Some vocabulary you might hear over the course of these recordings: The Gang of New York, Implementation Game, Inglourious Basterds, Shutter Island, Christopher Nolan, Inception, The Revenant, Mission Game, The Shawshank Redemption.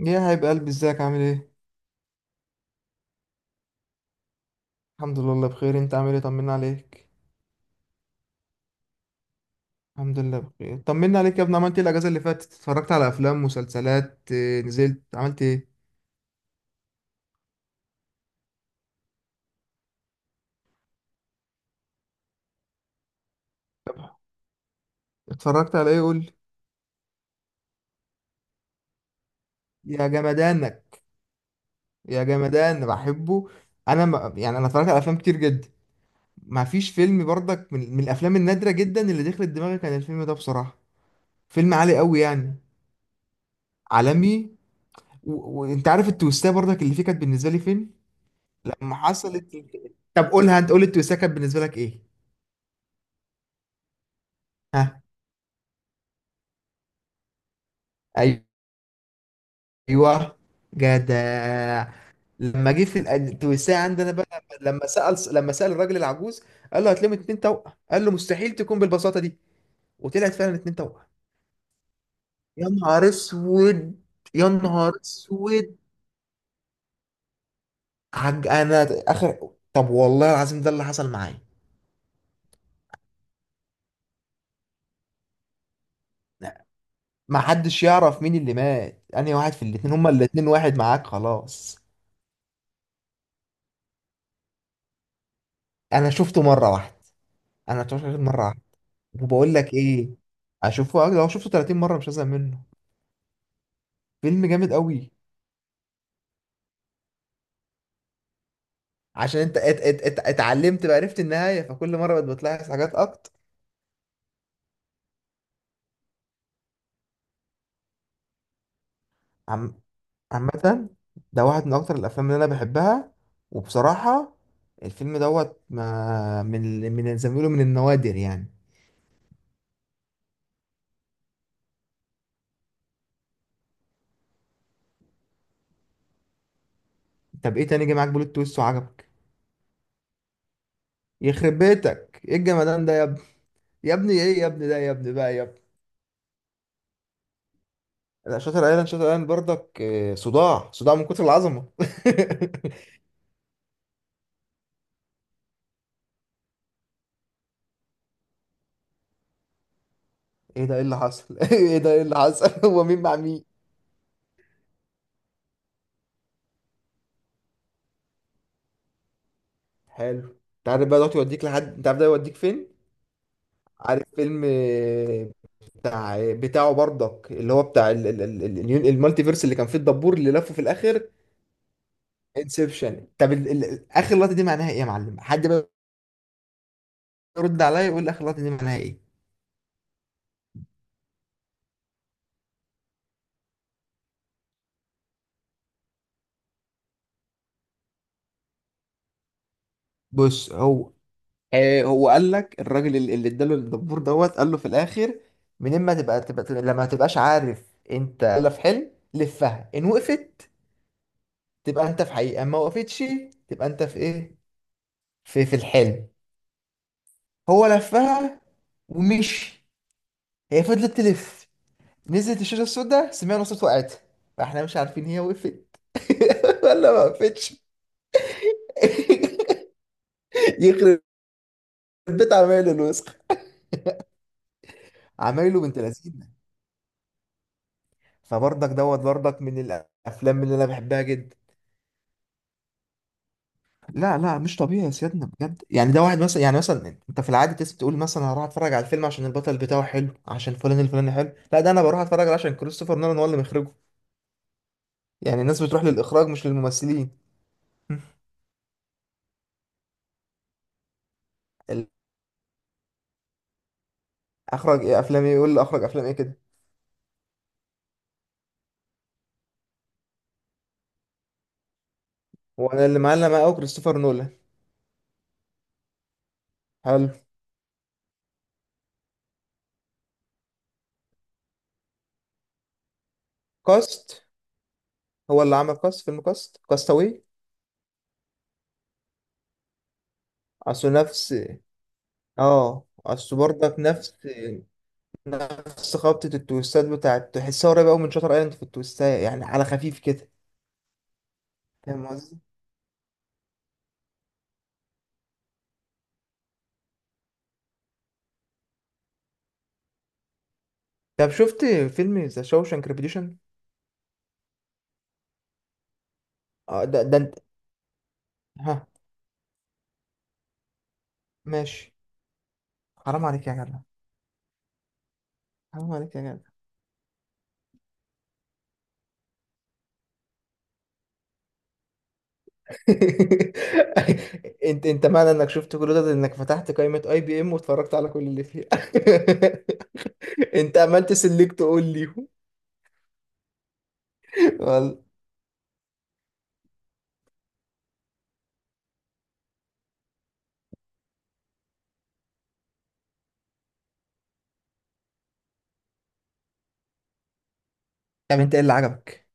يا حبيب قلبي ازيك عامل ايه؟ الحمد لله بخير، انت عامل ايه؟ طمنا عليك. الحمد لله بخير، طمنا عليك يا ابني. عملت ايه الاجازه اللي فاتت؟ اتفرجت على افلام مسلسلات، نزلت عملت ايه؟ اتفرجت على ايه قول لي. يا جمدانك. يا جمدان بحبه. انا ما يعني انا اتفرجت على افلام كتير جدا. ما فيش فيلم برضك من الافلام النادره جدا اللي دخلت دماغي كان الفيلم ده بصراحه. فيلم عالي قوي يعني. عالمي. و- وانت عارف التويستات برضك اللي فيه كانت بالنسبه لي فين لما حصلت. طب قولها انت، قول التويستات كانت بالنسبه لك ايه. ها. ايوه. جدع. لما جه في التوسعه عندنا بقى، لما سأل، لما سأل الراجل العجوز قال له هتلم اتنين توأم، قال له مستحيل تكون بالبساطه دي. وطلعت فعلا اتنين توأم. يا نهار اسود. يا نهار اسود. انا اخر، طب والله العظيم ده اللي حصل معايا. ما حدش يعرف مين اللي مات، انا واحد في الاتنين، هما الاتنين واحد، معاك خلاص. انا شفته مره واحده. انا شفته مره واحده. وبقول لك ايه، اشوفه لو شفته 30 مره مش هزهق منه. فيلم جامد قوي. عشان انت ات ات ات اتعلمت بقى، عرفت النهايه، فكل مره بقت بتلاحظ حاجات اكتر. عم عامه، ده واحد من اكتر الافلام اللي انا بحبها. وبصراحه، الفيلم دوت ما من من زي ما بيقولوا من النوادر يعني. طب ايه تاني جه معاك بلوت تويست وعجبك؟ يخرب بيتك ايه الجمدان ده يا ابني. يا ابني ايه، يا ابني ده، يا ابني بقى يا ابني. لا شاطر ايلاند، شاطر ايلاند برضك صداع، صداع من كتر العظمه. ايه ده، ايه اللي حصل؟ ايه ده، ايه اللي حصل؟ هو مين مع مين؟ حلو. تعرف بقى دلوقتي يوديك لحد، انت عارف ده يوديك فين؟ عارف فيلم بتاع، بتاعه برضك اللي هو بتاع المالتي فيرس اللي كان فيه الدبور اللي لفه في الاخر؟ انسبشن. طب اخر لقطه دي معناها ايه يا معلم؟ حد بقى يرد عليا يقول لي اخر لقطه دي معناها ايه. بص هو، آه هو قال لك الراجل اللي اداله الدبور دوت قال له في الاخر من اما لما تبقاش عارف انت ولا في حلم لفها ان وقفت، تبقى انت في حقيقه ما وقفتش، تبقى انت في ايه؟ في في الحلم. هو لفها ومشي، هي فضلت تلف، نزلت الشاشة السوداء، سمعنا صوت وقعت، فاحنا مش عارفين هي وقفت ولا ما وقفتش. يخرب بيت عمايله الوسخ. عمايله بنت لذينه. فبرضك دوت برضك من الافلام اللي انا بحبها جدا. لا مش طبيعي يا سيادنا بجد يعني. ده واحد مثلا، يعني مثلا انت في العادي تقول مثلا أنا هروح اتفرج على الفيلم عشان البطل بتاعه حلو، عشان فلان الفلاني حلو. لا ده انا بروح اتفرج عليه عشان كريستوفر نولان هو اللي مخرجه. يعني الناس بتروح للاخراج مش للممثلين. اخرج ايه؟ افلام ايه؟ يقول لي اخرج افلام ايه كده. هو انا اللي معلم معاه قوي كريستوفر نولان. حلو. كاست. هو اللي عمل كاست، فيلم كاست، كاستاوي. اصل نفس، اه اصل برضك نفس. نفس خبطة التويستات بتاعت تحسها قريبة قوي من شاتر ايلاند في التويستات يعني على خفيف كده. فاهم قصدي. طب شفت فيلم ذا شوشانك ريبيتيشن؟ اه ده، ده انت. ها. ماشي. حرام عليك يا جدع. حرام عليك يا جدع. انت معنى انك شفت كل ده انك فتحت قائمة اي بي ام واتفرجت على كل اللي فيها. انت عملت سيلكت اول ليهم. وال- طب انت ايه اللي عجبك؟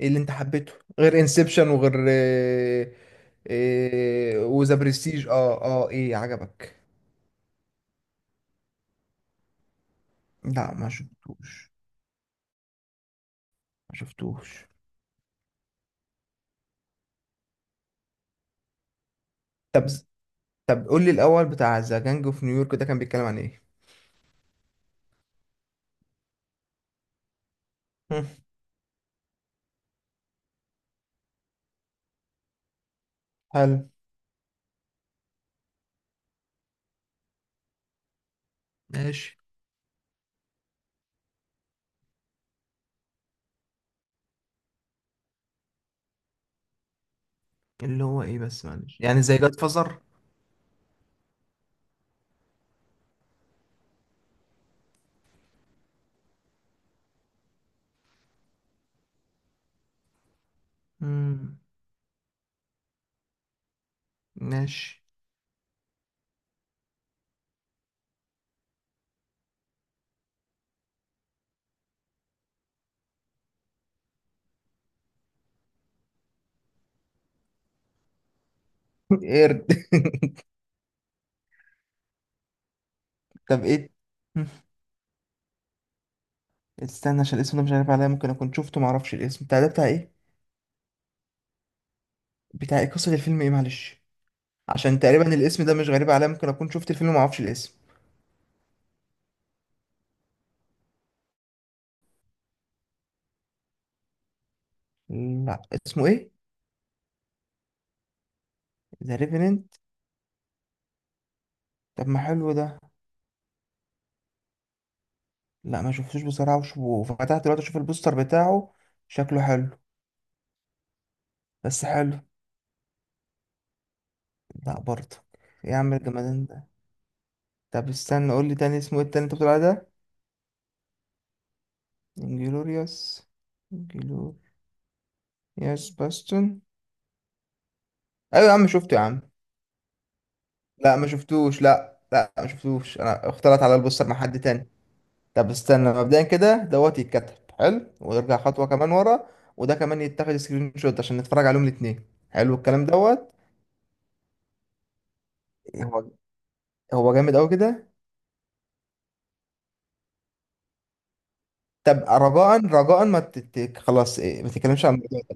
ايه اللي انت حبيته؟ غير انسبشن وغير وذا برستيج. اه اه، ايه عجبك؟ لا ما شفتوش. ما شفتوش. طب طب قول لي الاول، بتاع ذا جانج اوف نيويورك ده كان بيتكلم عن ايه؟ مم، حلو. ماشي. اللي هو ايه بس معلش، يعني زي جاد فازر؟ ماشي. قرد. طب ايه؟ مم. استنى عشان الاسم ده مش عارف عليا، ممكن اكون شفته معرفش الاسم. بتاع ده بتاع ايه؟ بتاع ايه قصة الفيلم ايه معلش؟ عشان تقريبا الاسم ده مش غريب عليا، ممكن اكون شفت الفيلم ومعرفش الاسم. لا اسمه ايه؟ ذا ريفيننت. طب ما حلو ده. لا ما شفتوش بصراحة، وفتحت دلوقتي اشوف البوستر بتاعه. شكله حلو. بس حلو. لا برضه. إيه يا عم الجمدان ده. طب استنى قول لي تاني اسمه ايه التاني انت بتقول عليه ده؟ انجلوريوس. انجلوريوس. باستون. ايوه يا عم شفته يا عم. لا ما شفتوش، لا لا ما شفتوش، انا اختلط على البوستر مع حد تاني. طب استنى مبدئيا كده دوت يتكتب حلو، ونرجع خطوه كمان ورا. وده كمان يتاخد سكرين شوت عشان نتفرج عليهم الاثنين. حلو الكلام دوت. هو هو جامد قوي كده. طب رجاء رجاء ما تت... خلاص ما تتكلمش عن الموضوع ده.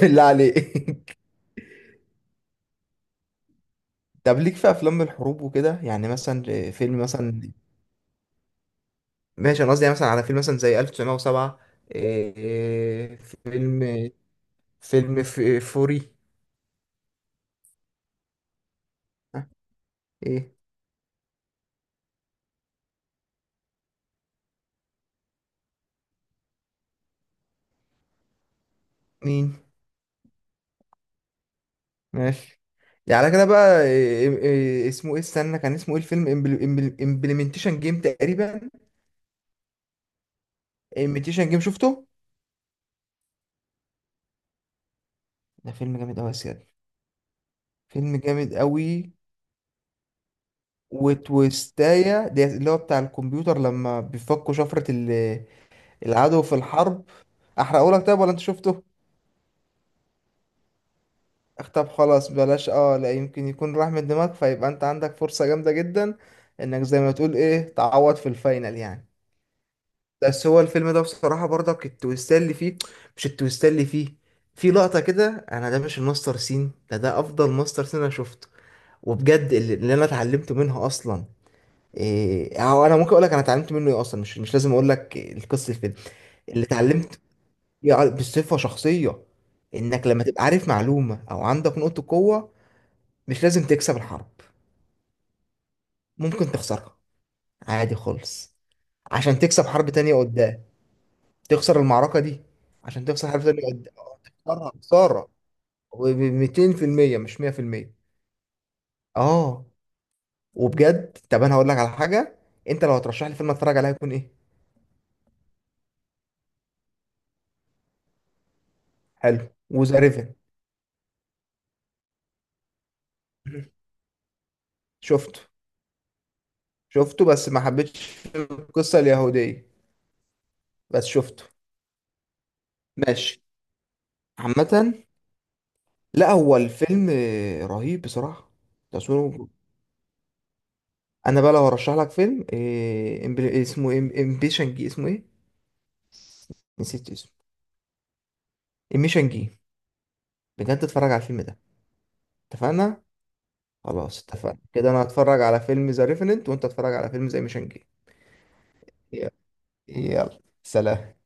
بالله عليك. طب ليك في افلام الحروب وكده يعني مثلا فيلم مثلا؟ ماشي انا قصدي يعني مثلا على فيلم مثلا زي 1907. إيه، إيه، فيلم، فيلم ف- فوري. ايه؟ مين؟ ماشي. يعني على كده بقى. إيه إيه إيه، اسمه ايه استنى، كان اسمه ايه الفيلم؟ امبلمنتيشن جيم تقريبا. امبلمنتيشن جيم شفته. ده فيلم جامد قوي يا سيادة. فيلم جامد قوي. وتويستايا دي اللي هو بتاع الكمبيوتر لما بيفكوا شفرة العدو في الحرب. احرقهولك طيب ولا انت شفته؟ طب خلاص بلاش، اه لا يمكن يكون راح من دماغك فيبقى انت عندك فرصة جامدة جدا انك زي ما تقول ايه، تعوض في الفاينل يعني. بس هو الفيلم ده بصراحة برضك التويستات اللي فيه، مش التويستات اللي فيه، في لقطة كده أنا، ده مش الماستر سين، ده ده أفضل ماستر سين أنا شفته. وبجد اللي أنا اتعلمت منها أصلا إيه، أو أنا ممكن أقول لك أنا اتعلمت منه إيه أصلا، مش لازم أقول لك القصة الفيلم. اللي اتعلمت بصفة شخصية، إنك لما تبقى عارف معلومة أو عندك نقطة قوة مش لازم تكسب الحرب، ممكن تخسرها عادي خالص عشان تكسب حرب تانية قدام. تخسر المعركه دي عشان تخسر حلفة اللي قد تخسرها خساره، و 200% مش 100%. اه. وبجد، طب انا هقول لك على حاجه، انت لو هترشح لي فيلم اتفرج عليه هيكون ايه؟ حلو وذا ريفن. شفته. شفته بس ما حبيتش القصه اليهوديه. بس شفته. ماشي. عامه، لا هو الفيلم رهيب بصراحه. تصويره. انا بقى لو هرشح لك فيلم إيه، امبيشن جي، اسمه ايه؟ نسيت اسمه. امبيشن جي. بجد اتفرج على الفيلم ده. اتفقنا. خلاص اتفقنا كده، انا هتفرج على فيلم ذا ريفننت وانت هتتفرج على فيلم زي ميشن جيم. يلا. يلا، سلام.